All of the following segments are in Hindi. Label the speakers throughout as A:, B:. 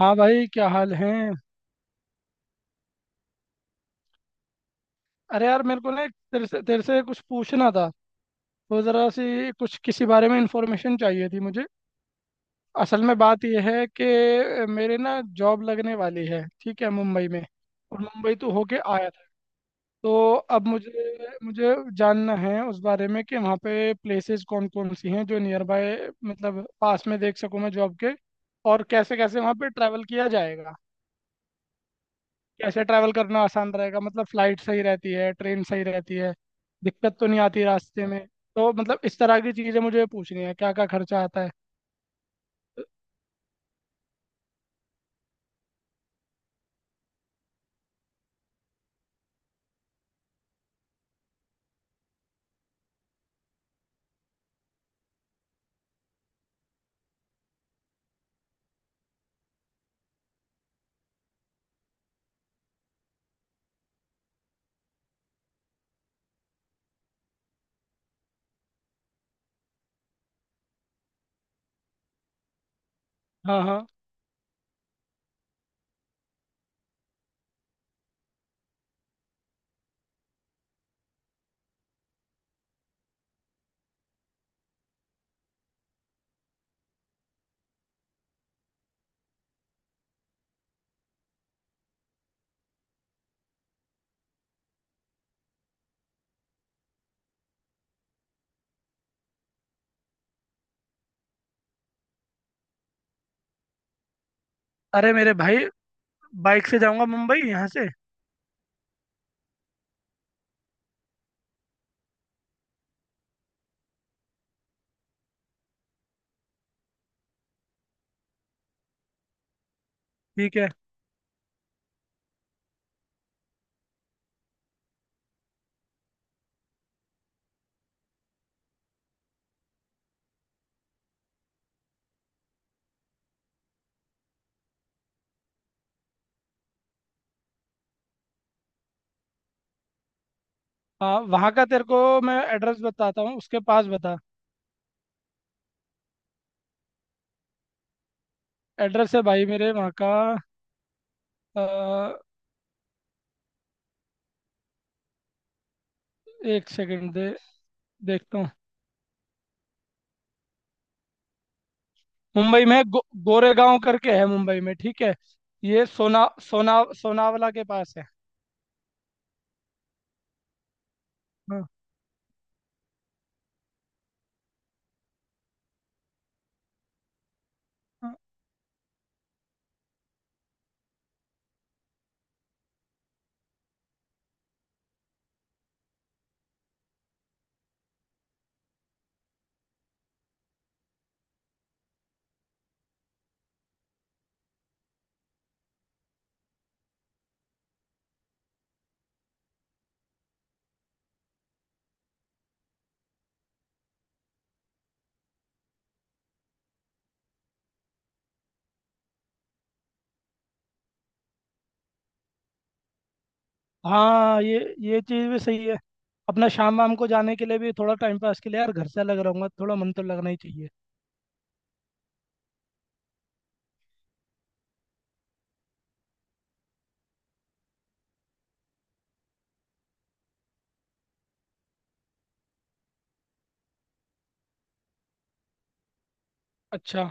A: हाँ भाई, क्या हाल है? अरे यार, मेरे को ना एक तेरे से कुछ पूछना था। तो ज़रा सी कुछ किसी बारे में इंफॉर्मेशन चाहिए थी मुझे। असल में बात यह है कि मेरे ना जॉब लगने वाली है, ठीक है, मुंबई में। और मुंबई तो होके आया था। तो अब मुझे मुझे जानना है उस बारे में कि वहाँ पे प्लेसेस कौन कौन सी हैं जो नियर बाय, मतलब पास में देख सकूँ मैं जॉब के। और कैसे कैसे वहाँ पे ट्रैवल किया जाएगा। कैसे ट्रैवल करना आसान रहेगा, मतलब फ्लाइट सही रहती है, ट्रेन सही रहती है, दिक्कत तो नहीं आती रास्ते में। तो मतलब इस तरह की चीज़ें मुझे पूछनी है, क्या क्या खर्चा आता है। हाँ, हाँ। अरे मेरे भाई, बाइक से जाऊंगा मुंबई यहाँ से। ठीक है। हाँ, वहाँ का तेरे को मैं एड्रेस बताता हूँ, उसके पास बता। एड्रेस है भाई मेरे वहाँ का। अ, एक सेकंड दे, देखता हूँ। मुंबई में गोरेगांव करके है मुंबई में, ठीक है। ये सोना सोना सोनावला के पास है। हाँ। हाँ। हाँ, ये चीज़ भी सही है। अपना शाम वाम को जाने के लिए भी थोड़ा टाइम पास के लिए, यार घर से अलग रहूंगा, थोड़ा मन तो लगना ही चाहिए। अच्छा,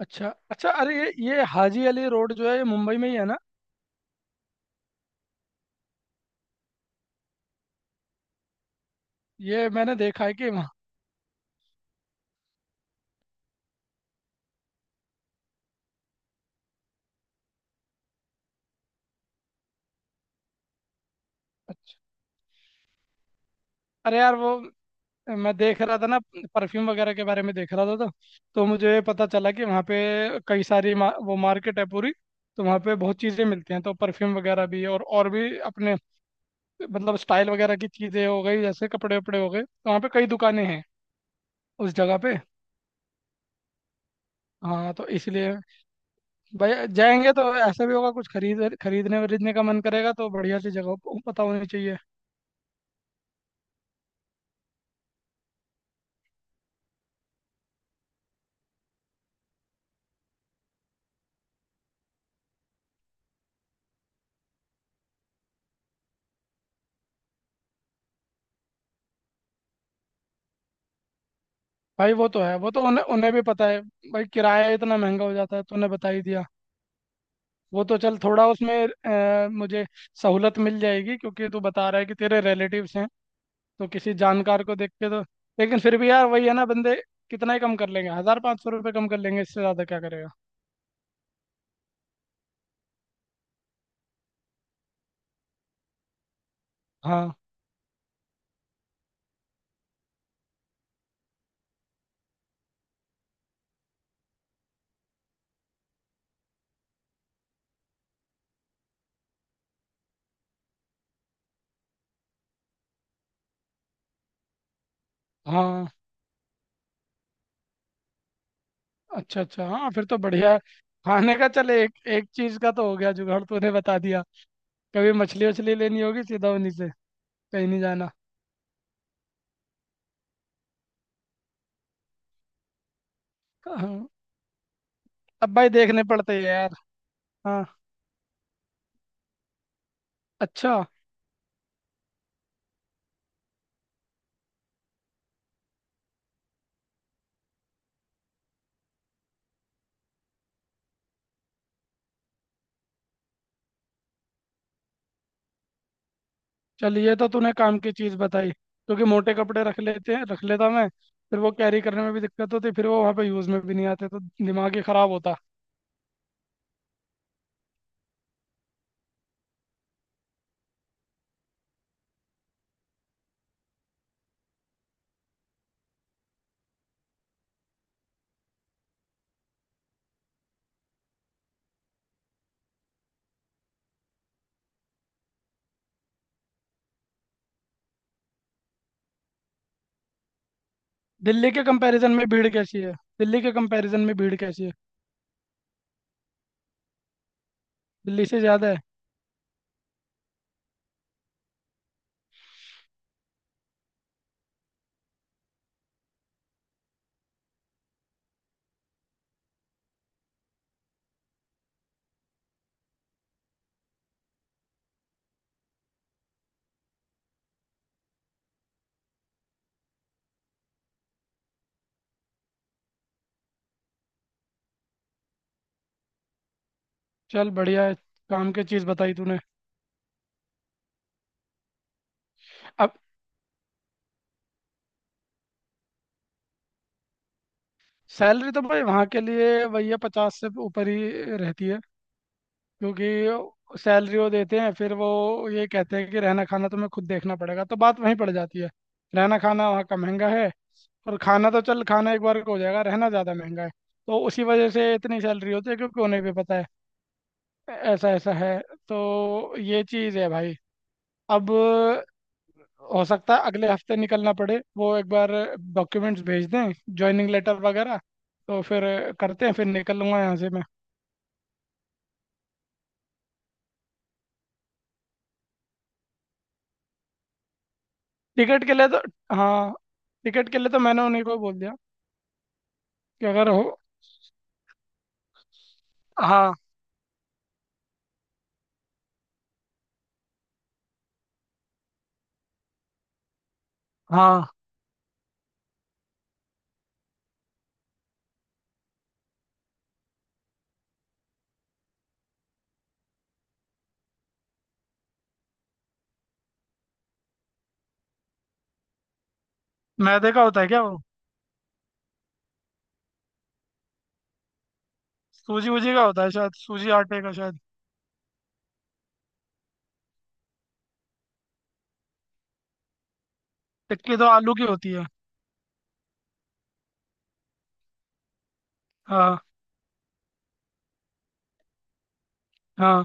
A: अच्छा। अच्छा, अरे ये हाजी अली रोड जो है, ये मुंबई में ही है ना? ये मैंने देखा है कि वहाँ। अच्छा। अरे यार वो, मैं देख रहा था ना, परफ्यूम वगैरह के बारे में देख रहा था तो मुझे पता चला कि वहाँ पे कई सारी वो मार्केट है पूरी। तो वहाँ पे बहुत चीज़ें मिलती हैं, तो परफ्यूम वगैरह भी और भी अपने, मतलब स्टाइल वगैरह की चीज़ें हो गई, जैसे कपड़े वपड़े हो गए, तो वहाँ पे कई दुकानें हैं उस जगह पे। हाँ, तो इसलिए भाई जाएंगे तो ऐसा भी होगा, कुछ खरीदने वरीदने का मन करेगा, तो बढ़िया सी जगह पता होनी चाहिए। भाई वो तो है, वो तो उन्हें उन्हें भी पता है। भाई किराया इतना महंगा हो जाता है, तूने बता ही दिया। वो तो चल, थोड़ा उसमें मुझे सहूलत मिल जाएगी, क्योंकि तू बता रहा है कि तेरे रिलेटिव्स हैं, तो किसी जानकार को देख के तो। लेकिन फिर भी यार, वही है ना, बंदे कितना ही कम कर लेंगे, 1,000 500 रुपये कम कर लेंगे, इससे ज़्यादा क्या करेगा। हाँ, हाँ। अच्छा, अच्छा। हाँ, फिर तो बढ़िया है। खाने का चल, एक एक चीज का तो हो गया जुगाड़, तूने बता दिया। कभी मछली वछली लेनी होगी सीधा उन्हीं से, कहीं नहीं जाना। हाँ। अब भाई देखने पड़ते हैं यार। हाँ। अच्छा, चल ये तो तूने काम की चीज बताई, क्योंकि मोटे कपड़े रख लेते हैं, रख लेता मैं, फिर वो कैरी करने में भी दिक्कत होती, फिर वो वहाँ पे यूज में भी नहीं आते, तो दिमाग ही खराब होता। दिल्ली के कंपैरिजन में भीड़ कैसी है दिल्ली के कंपैरिजन में भीड़ कैसी है? दिल्ली से ज्यादा है। चल बढ़िया है, काम की चीज बताई तूने। अब सैलरी तो भाई वहाँ के लिए भैया 50 से ऊपर ही रहती है। क्योंकि सैलरी वो देते हैं, फिर वो ये कहते हैं कि रहना खाना तुम्हें खुद देखना पड़ेगा, तो बात वहीं पड़ जाती है। रहना खाना वहाँ का महंगा है। और खाना तो चल, खाना एक बार का हो जाएगा, रहना ज़्यादा महंगा है। तो उसी वजह से इतनी सैलरी होती है, क्योंकि उन्हें भी पता है। ऐसा ऐसा है। तो ये चीज़ है भाई। अब हो सकता है अगले हफ्ते निकलना पड़े। वो एक बार डॉक्यूमेंट्स भेज दें, ज्वाइनिंग लेटर वगैरह, तो फिर करते हैं, फिर निकल लूंगा यहाँ से मैं। टिकट के लिए तो, हाँ, टिकट के लिए तो मैंने उन्हीं को बोल दिया कि अगर हो। हाँ, हाँ। मैदे का होता है क्या वो? सूजी वूजी का होता है शायद, सूजी आटे का शायद। टिक्की तो आलू की होती है। हाँ। हाँ।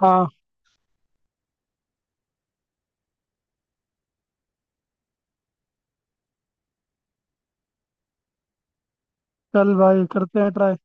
A: हाँ, चल भाई करते हैं ट्राई।